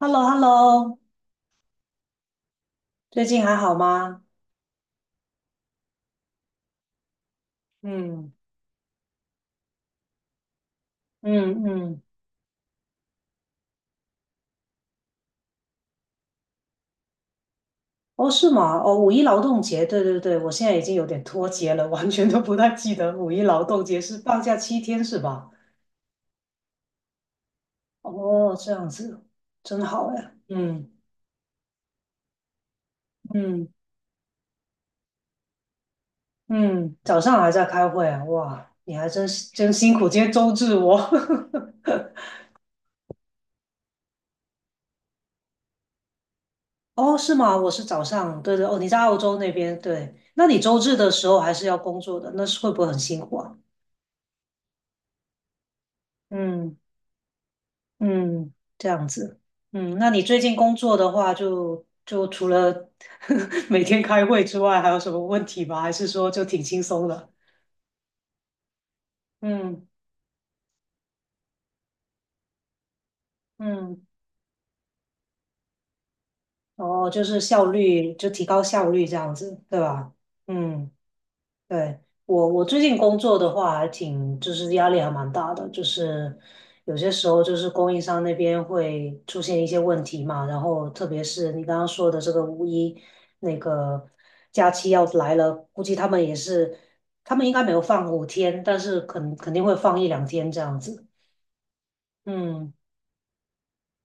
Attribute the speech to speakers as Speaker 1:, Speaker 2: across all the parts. Speaker 1: h e l l o h e l l o 最近还好吗？嗯，嗯嗯，哦，是吗？哦，五一劳动节，对对对，我现在已经有点脱节了，完全都不太记得五一劳动节是放假7天是吧？哦，这样子，真好哎。嗯嗯嗯，早上还在开会啊，哇，你还真辛苦，今天周日我。哦，是吗？我是早上，对对，哦，你在澳洲那边，对，那你周日的时候还是要工作的，那是会不会很辛苦啊？嗯。嗯，这样子。嗯，那你最近工作的话就除了 每天开会之外，还有什么问题吗？还是说就挺轻松的？嗯嗯，哦，就是效率，就提高效率这样子，对吧？嗯。对，我最近工作的话，还挺就是压力还蛮大的，就是有些时候就是供应商那边会出现一些问题嘛，然后特别是你刚刚说的这个五一那个假期要来了，估计他们也是，他们应该没有放5天，但是肯定会放一两天这样子。嗯。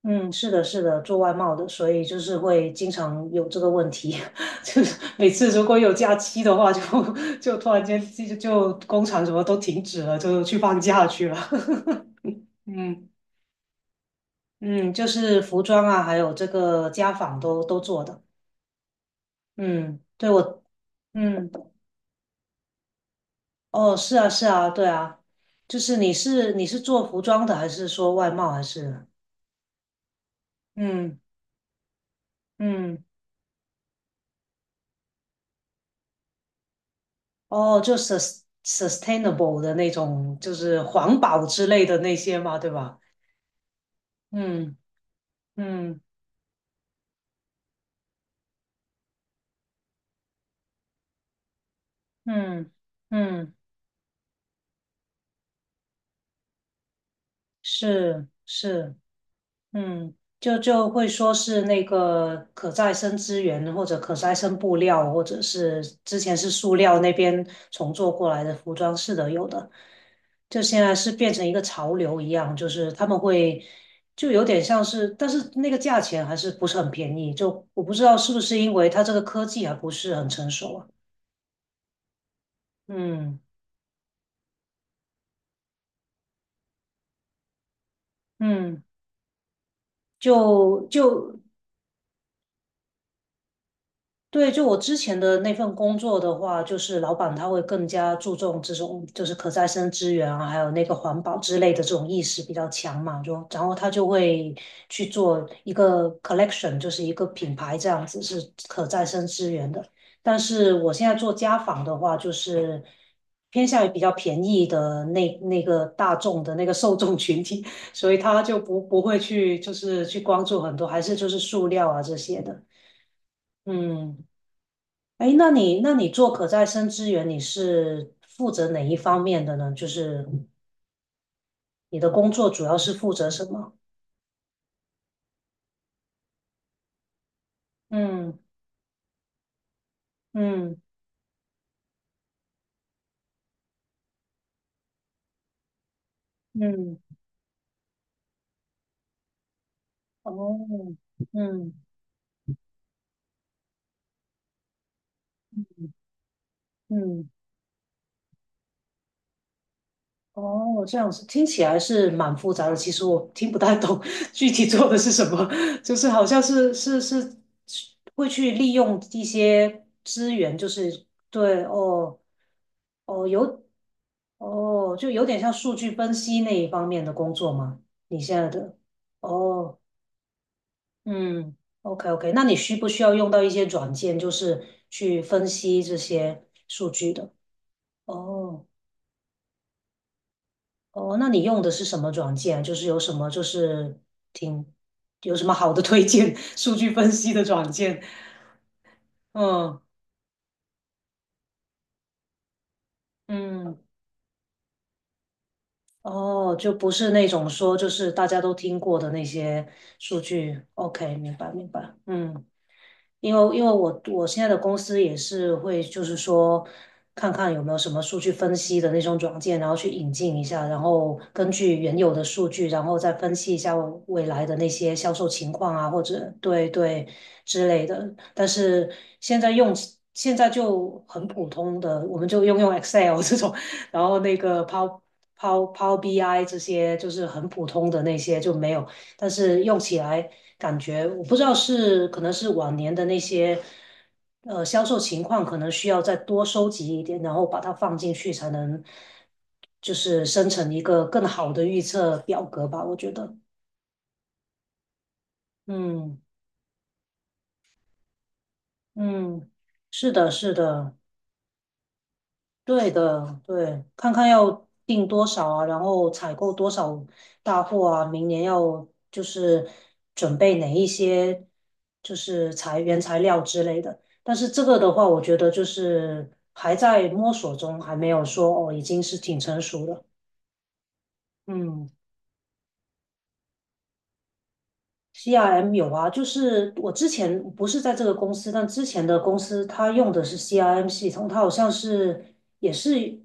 Speaker 1: 嗯，是的，是的，做外贸的，所以就是会经常有这个问题，就是每次如果有假期的话就，就突然间就工厂什么都停止了，就去放假去了。嗯嗯，就是服装啊，还有这个家纺都做的。嗯，对我，嗯，哦，是啊，是啊，对啊，就是你是做服装的，还是说外贸，还是嗯嗯。哦，就 sustainable 的那种，就是环保之类的那些嘛，对吧？嗯嗯嗯嗯，是是。嗯，就会说是那个可再生资源，或者可再生布料，或者是之前是塑料那边重做过来的服装是的，有的就现在是变成一个潮流一样，就是他们会就有点像是，但是那个价钱还是不是很便宜，就我不知道是不是因为它这个科技还不是很成熟啊。嗯嗯，就对，就我之前的那份工作的话，就是老板他会更加注重这种就是可再生资源啊，还有那个环保之类的这种意识比较强嘛，就然后他就会去做一个 collection，就是一个品牌这样子是可再生资源的。但是我现在做家纺的话，就是偏向于比较便宜的那个大众的那个受众群体，所以他就不会去就是去关注很多，还是就是塑料啊这些的，嗯。哎，那你做可再生资源，你是负责哪一方面的呢？就是你的工作主要是负责什么？嗯嗯嗯，哦，嗯嗯，哦，这样子听起来是蛮复杂的。其实我听不太懂 具体做的是什么，就是好像是会去利用一些资源，就是对哦。哦，有，哦，就有点像数据分析那一方面的工作吗？你现在的，哦，嗯，OK OK，那你需不需要用到一些软件，就是去分析这些数据的？哦哦，那你用的是什么软件？就是有什么就是挺有什么好的推荐 数据分析的软件？嗯嗯，哦，就不是那种说就是大家都听过的那些数据。OK，明白明白，嗯。因为我现在的公司也是会，就是说看看有没有什么数据分析的那种软件，然后去引进一下，然后根据原有的数据，然后再分析一下未来的那些销售情况啊，或者对对之类的。但是现在用起现在就很普通的，我们就用用 Excel 这种，然后那个 Power BI 这些就是很普通的那些就没有，但是用起来。感觉我不知道是可能是往年的那些销售情况，可能需要再多收集一点，然后把它放进去，才能就是生成一个更好的预测表格吧。我觉得，嗯嗯，是的，是的。对的，对，看看要订多少啊，然后采购多少大货啊，明年要就是准备哪一些就是原材料之类的。但是这个的话，我觉得就是还在摸索中，还没有说哦，已经是挺成熟的。嗯。CRM 有啊，就是我之前不是在这个公司，但之前的公司它用的是 CRM 系统，它好像是也是，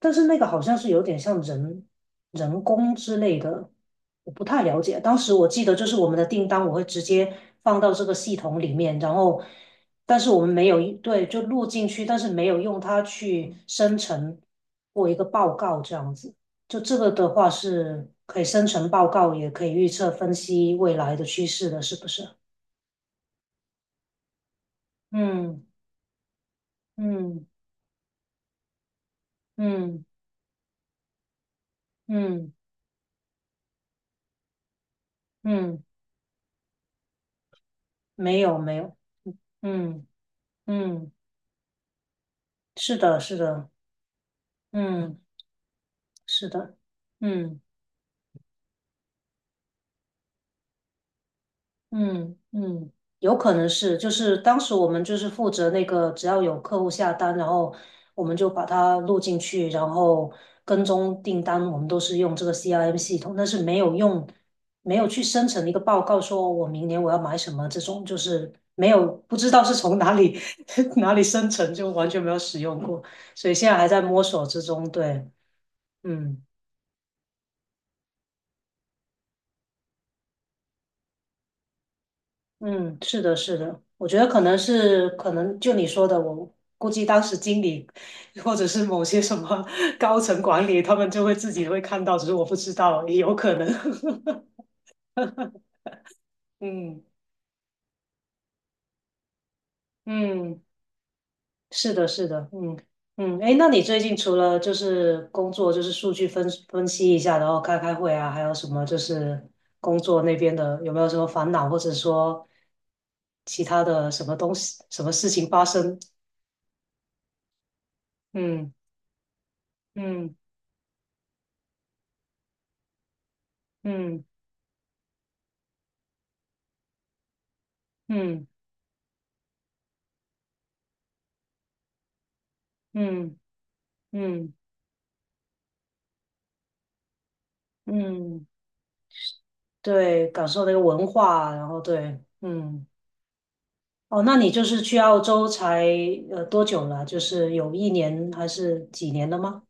Speaker 1: 但是那个好像是有点像人工之类的，我不太了解。当时我记得就是我们的订单我会直接放到这个系统里面，然后但是我们没有对就录进去，但是没有用它去生成过一个报告这样子。就这个的话是可以生成报告，也可以预测分析未来的趋势的，是不是？嗯嗯嗯嗯嗯，没有没有，嗯嗯，是的，是的，嗯，是的，嗯。嗯嗯，有可能是，就是当时我们就是负责那个，只要有客户下单，然后我们就把它录进去，然后跟踪订单，我们都是用这个 CRM 系统，但是没有用，没有去生成一个报告，说我明年我要买什么这种，就是没有不知道是从哪里 哪里生成，就完全没有使用过，所以现在还在摸索之中，对，嗯。嗯，是的，是的，我觉得可能就你说的，我估计当时经理或者是某些什么 高层管理，他们就会自己会看到，只是我不知道，也有可能。嗯嗯，是的，是的，嗯嗯，哎，那你最近除了就是工作，就是数据分析一下，然后开开会啊，还有什么就是工作那边的有没有什么烦恼，或者说其他的什么东西、什么事情发生？嗯嗯嗯嗯。嗯嗯嗯，对，感受那个文化，然后对，嗯，哦，那你就是去澳洲才多久了？就是有1年还是几年了吗？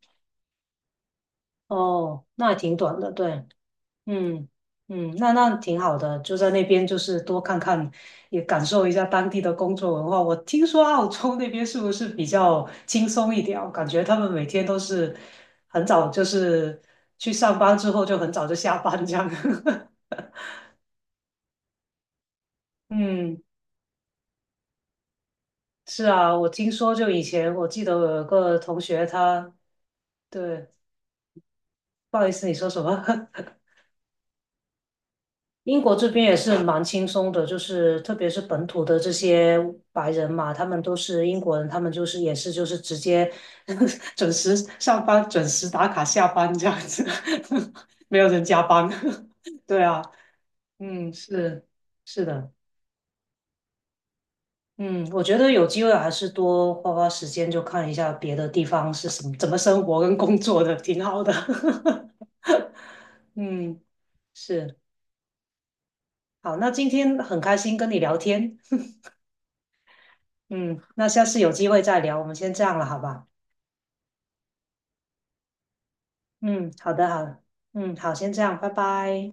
Speaker 1: 哦，那还挺短的，对，嗯嗯，那挺好的，就在那边就是多看看，也感受一下当地的工作文化。我听说澳洲那边是不是比较轻松一点啊？我感觉他们每天都是很早，就是去上班之后就很早就下班这样。嗯，是啊，我听说就以前我记得我有个同学他，对，不好意思，你说什么？英国这边也是蛮轻松的，就是特别是本土的这些白人嘛，他们都是英国人，他们就是也是就是直接 准时上班、准时打卡下班这样子，没有人加班。对啊，嗯，是的。嗯，我觉得有机会还是多花花时间，就看一下别的地方是什么，怎么生活跟工作的，挺好的。嗯，是，好，那今天很开心跟你聊天。嗯，那下次有机会再聊，我们先这样了，好吧？嗯，好的，好的，嗯，好，先这样，拜拜。